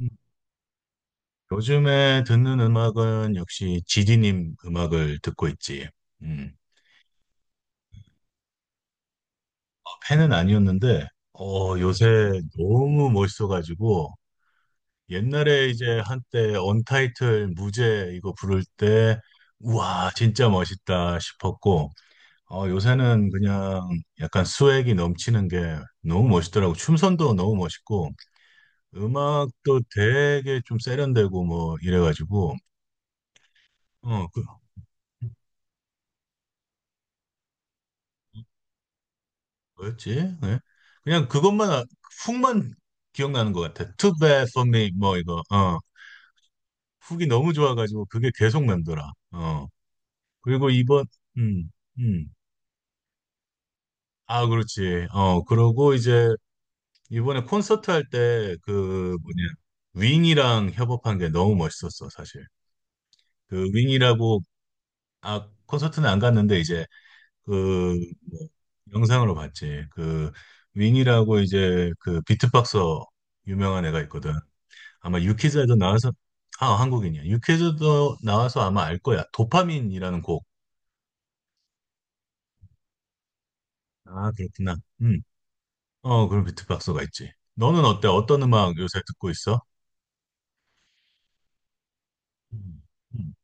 음. 요즘에 듣는 음악은 역시 지디님 음악을 듣고 있지. 음. 어, 팬은 아니었는데, 어, 요새 너무 멋있어가지고, 옛날에 이제 한때 언타이틀 무제 이거 부를 때, 우와, 진짜 멋있다 싶었고, 어, 요새는 그냥 약간 스웩이 넘치는 게 너무 멋있더라고. 춤선도 너무 멋있고, 음악도 되게 좀 세련되고 뭐 이래가지고, 어, 그, 뭐였지? 네. 그냥 그것만 훅만 기억나는 것 같아. Too bad for me 뭐 이거 어, 훅이 너무 좋아가지고 그게 계속 남더라. 어, 그리고 이번 음음아 그렇지. 어, 그러고 이제 이번에 콘서트 할 때 그 뭐냐, 윙이랑 협업한 게 너무 멋있었어 사실. 그 윙이라고. 아, 콘서트는 안 갔는데 이제 그뭐 영상으로 봤지. 그 윙이라고 이제 그 비트박서 유명한 애가 있거든. 아마 유퀴즈에도 나와서. 아, 한국인이야. 유퀴즈도 나와서 아마 알 거야. 도파민이라는 곡. 아, 그렇구나. 음. 어, 그럼 비트박스가 있지. 너는 어때? 어떤 음악 요새 듣고 있어? 음. 음.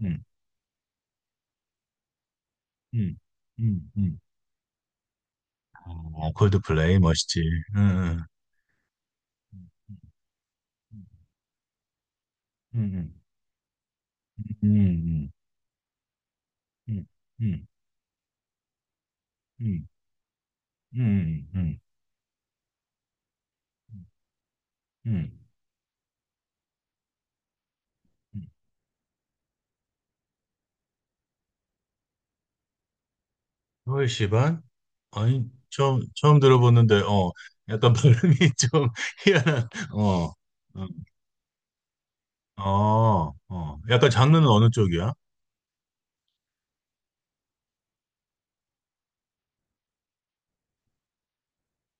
음. 음. 음. 음. 어, 콜드플레이 멋있지. 응. 응. 음. 음. 음. 음. 음. 음. 음. 음. 음. 음. 음. 음. 10시 반? 아니, 처음 들어보는데, 어, 약간 발음이 좀 희한한, 어, 어, 어, 어. 약간 장르는 어느 쪽이야?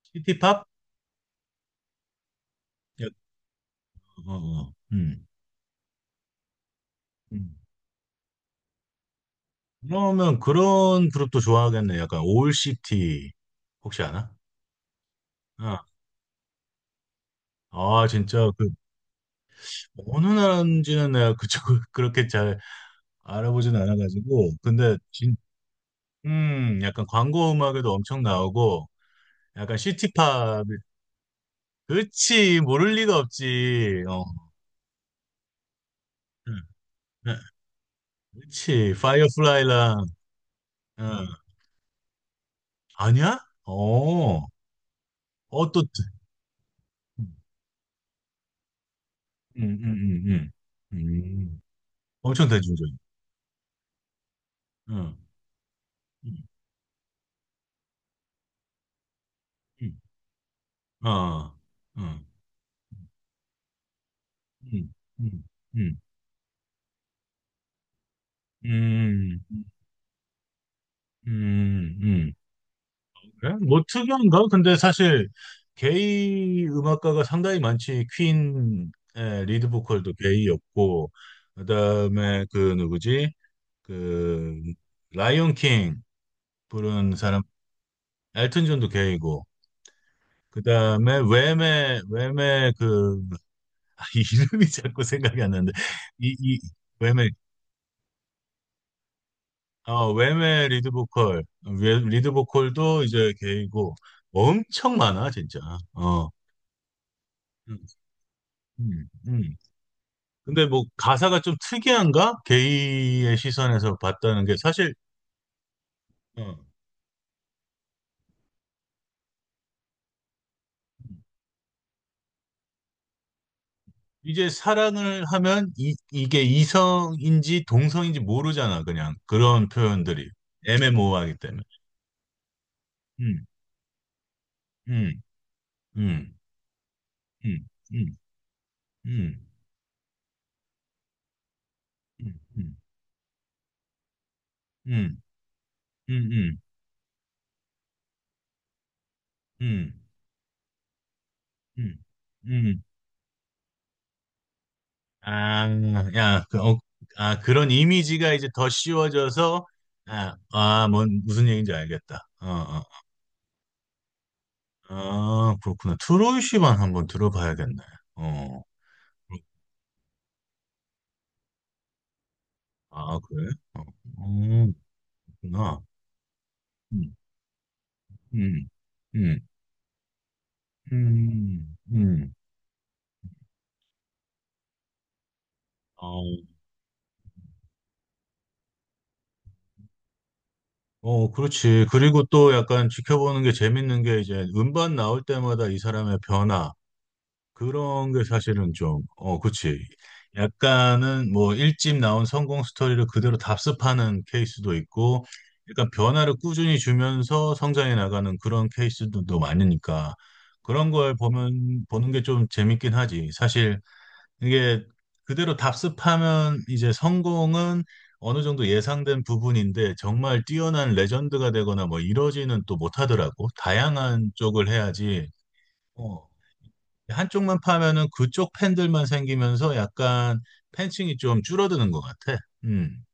시티팝? 약- 어, 어, 음. 그러면 그런 그룹도 좋아하겠네. 약간 올시티, 혹시 아나? 어. 아, 진짜, 그, 어느 나라인지는 내가 그쪽을 그렇게 잘 알아보진 않아가지고, 근데, 진, 약간 광고 음악에도 엄청 나오고, 약간 시티팝이. 그치, 모를 리가 없지. 어, 응, 응. 그치, 파이어플라이랑, 응. 아니야? 어, 어, 또, 음, 음, 음, 음, 음. 엄청 대중적인. 응, 응, 응, 어, 응, 응, 응, 응, 음, 음, 음. 그래? 뭐 특이한가? 근데 사실, 게이 음악가가 상당히 많지. 퀸의 리드 보컬도 게이였고, 그다음에 그 누구지? 그 라이온 킹 부른 사람. 엘튼 존도 걔이고, 그다음에 웸의. 웸의 이름이 자꾸 생각이 안 나는데 이 웸의. 어, 웸의 리드 보컬. 리드 보컬도 이제 걔이고. 엄청 많아 진짜. 어, 음, 음, 음. 근데 뭐 가사가 좀 특이한가? 게이의 시선에서 봤다는 게 사실. 어. 이제 사랑을 하면 이, 이게 이성인지 동성인지 모르잖아, 그냥. 그런 표현들이 애매모호하기 때문에. 음, 음, 음, 음, 음, 음, 음, 음, 음, 음, 음, 음, 음. 음. 아, 야, 그, 어, 아, 그런 이미지가 이제 더 씌워져서, 아, 아, 뭔, 무슨 얘기인지 알겠다. 어, 어. 아, 그렇구나. 트로이 씨만 한번 들어봐야겠네. 어, 아, 그래? 어, 음. 그렇구나. 음, 음, 음, 음, 음. 어, 어, 그렇지. 그리고 또 약간 지켜보는 게 재밌는 게 이제 음반 나올 때마다 이 사람의 변화. 그런 게 사실은 좀, 어, 그렇지. 약간은 뭐 일집 나온 성공 스토리를 그대로 답습하는 케이스도 있고, 약간 변화를 꾸준히 주면서 성장해 나가는 그런 케이스들도 많으니까. 그런 걸 보면, 보는 게 좀 재밌긴 하지. 사실 이게 그대로 답습하면 이제 성공은 어느 정도 예상된 부분인데 정말 뛰어난 레전드가 되거나 뭐 이러지는 또 못하더라고. 다양한 쪽을 해야지. 어, 한쪽만 파면은 그쪽 팬들만 생기면서 약간 팬층이 좀 줄어드는 것 같아. 음.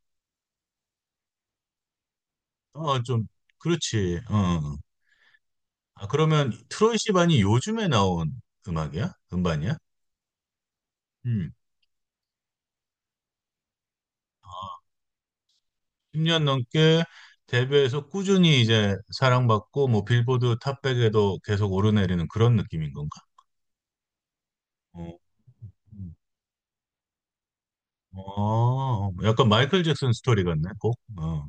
어, 좀, 그렇지. 어. 아, 그러면 트로이 시반이 요즘에 나온 음악이야? 음반이야? 음. 10년 넘게 데뷔해서 꾸준히 이제 사랑받고 뭐 빌보드 탑백에도 계속 오르내리는 그런 느낌인 건가? 어, 어, 약간 마이클 잭슨 스토리 같네, 꼭. 어,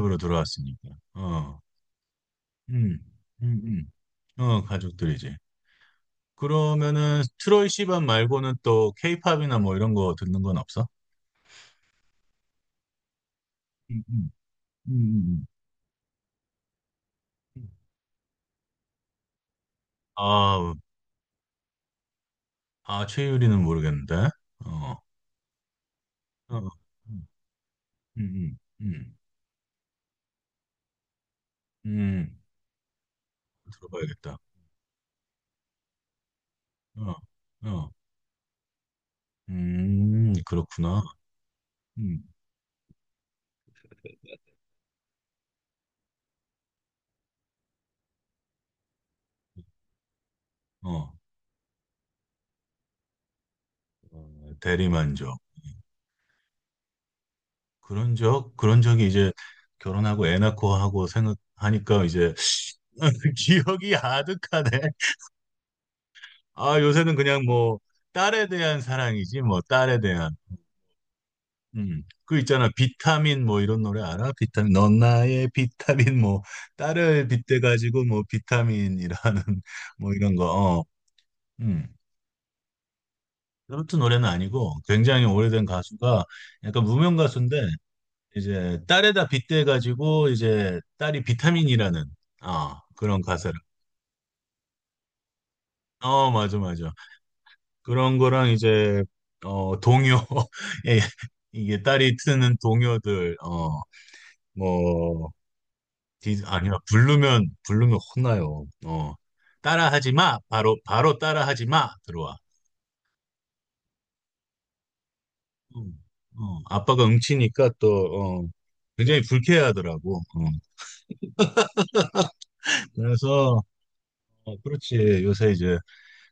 브로 들어왔으니까. 어, 음, 음, 어, 가족들이지. 그러면은 트로이 시반 말고는 또 케이팝이나 뭐 이런 거 듣는 건 없어? 음, 음, 음, 음, 음. 아, 아, 최유리는 모르겠는데. 어, 어, 어. 음, 음, 음, 음. 들어봐야겠다. 어, 어. 그렇구나. 음, 어, 어, 대리만족. 그런 적이 이제 결혼하고 애 낳고 하고 생각하니까 이제 기억이 아득하네. 아, 요새는 그냥 뭐 딸에 대한 사랑이지, 뭐 딸에 대한. 그 있잖아. 비타민 뭐 이런 노래 알아? 비타민, 넌 나의 비타민 뭐 딸을 빗대가지고 뭐 비타민이라는 뭐 이런 거. 어. 음. 트로트 노래는 아니고 굉장히 오래된 가수가 약간 무명 가수인데 이제 딸에다 빗대가지고 이제 딸이 비타민이라는, 어, 그런 가사를. 어, 맞아, 맞아. 그런 거랑 이제 어, 동요. 예, 이게 딸이 트는 동요들. 어뭐 아니야, 부르면 부르면 혼나요. 어, 따라하지 마, 바로 바로 따라하지 마, 들어와. 음, 어, 아빠가 응치니까 또, 어, 굉장히 불쾌하더라고. 그래서 어, 그렇지. 요새 이제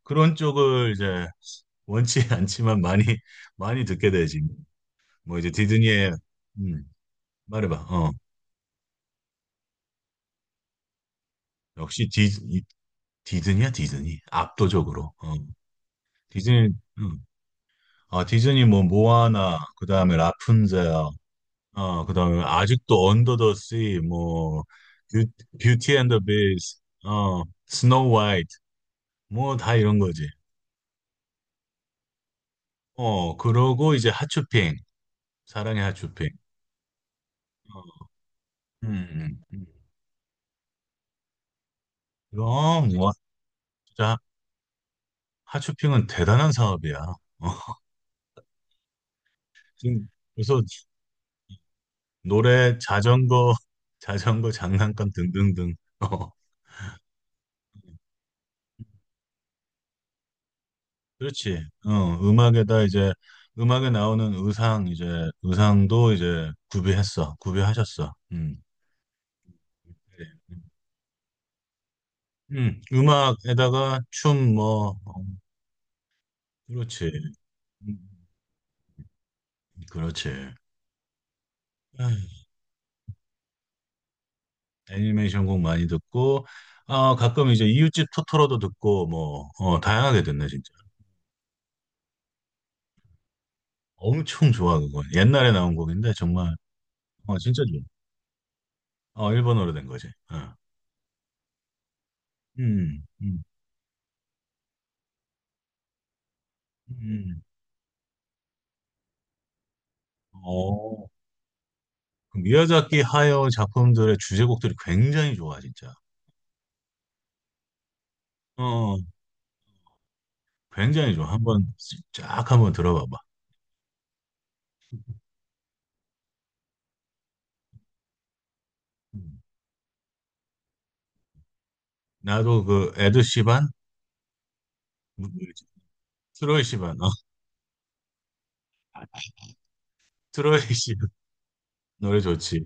그런 쪽을 이제 원치 않지만 많이 많이 듣게 되지. 뭐 이제 디즈니의. 음, 말해봐. 어, 역시 디즈니야, 디즈니 압도적으로. 어, 디즈니. 음. 아, 디즈니 뭐 모아나, 그다음에 라푼젤. 어, 그다음에 아직도 언더 더 씨, 뭐 뷰, 뷰티 앤더 비스트. 어, 스노우 화이트 뭐 다 이런 거지. 어, 그러고 이제 하츄핑, 사랑의 하츄핑. 음, 음. 이뭐 진짜 하츄핑은 대단한 사업이야. 어, 지금 벌써 노래, 자전거, 자전거 장난감 등등등. 어, 그렇지. 어, 음악에다 이제 음악에 나오는 의상, 이제 의상도 이제 구비했어. 구비하셨어. 음. 그래. 음악에다가 춤 뭐, 어, 그렇지. 음, 그렇지. 아, 애니메이션 곡 많이 듣고, 아, 가끔 이제 이웃집 토토로도 듣고, 뭐, 어, 다양하게 듣네, 진짜. 엄청 좋아, 그건. 옛날에 나온 곡인데, 정말, 어, 진짜 좋아. 어, 일본어로 된 거지. 어. 음, 음, 음. 어, 그 미야자키 하야오 작품들의 주제곡들이 굉장히 좋아, 진짜. 어, 굉장히 좋아. 한번 쫙 한번 들어봐봐. 음. 나도 그 에드 시반, 트로이 시반, 어, 트로이 시반 노래 좋지.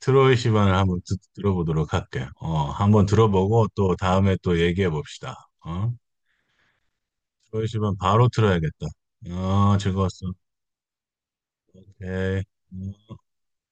트로이 시반을 한번 들어보도록 할게. 어, 한번 들어보고 또 다음에 또 얘기해 봅시다. 어? 트로이 시반 바로 틀어야겠다. 어, 즐거웠어. 오케이. 음.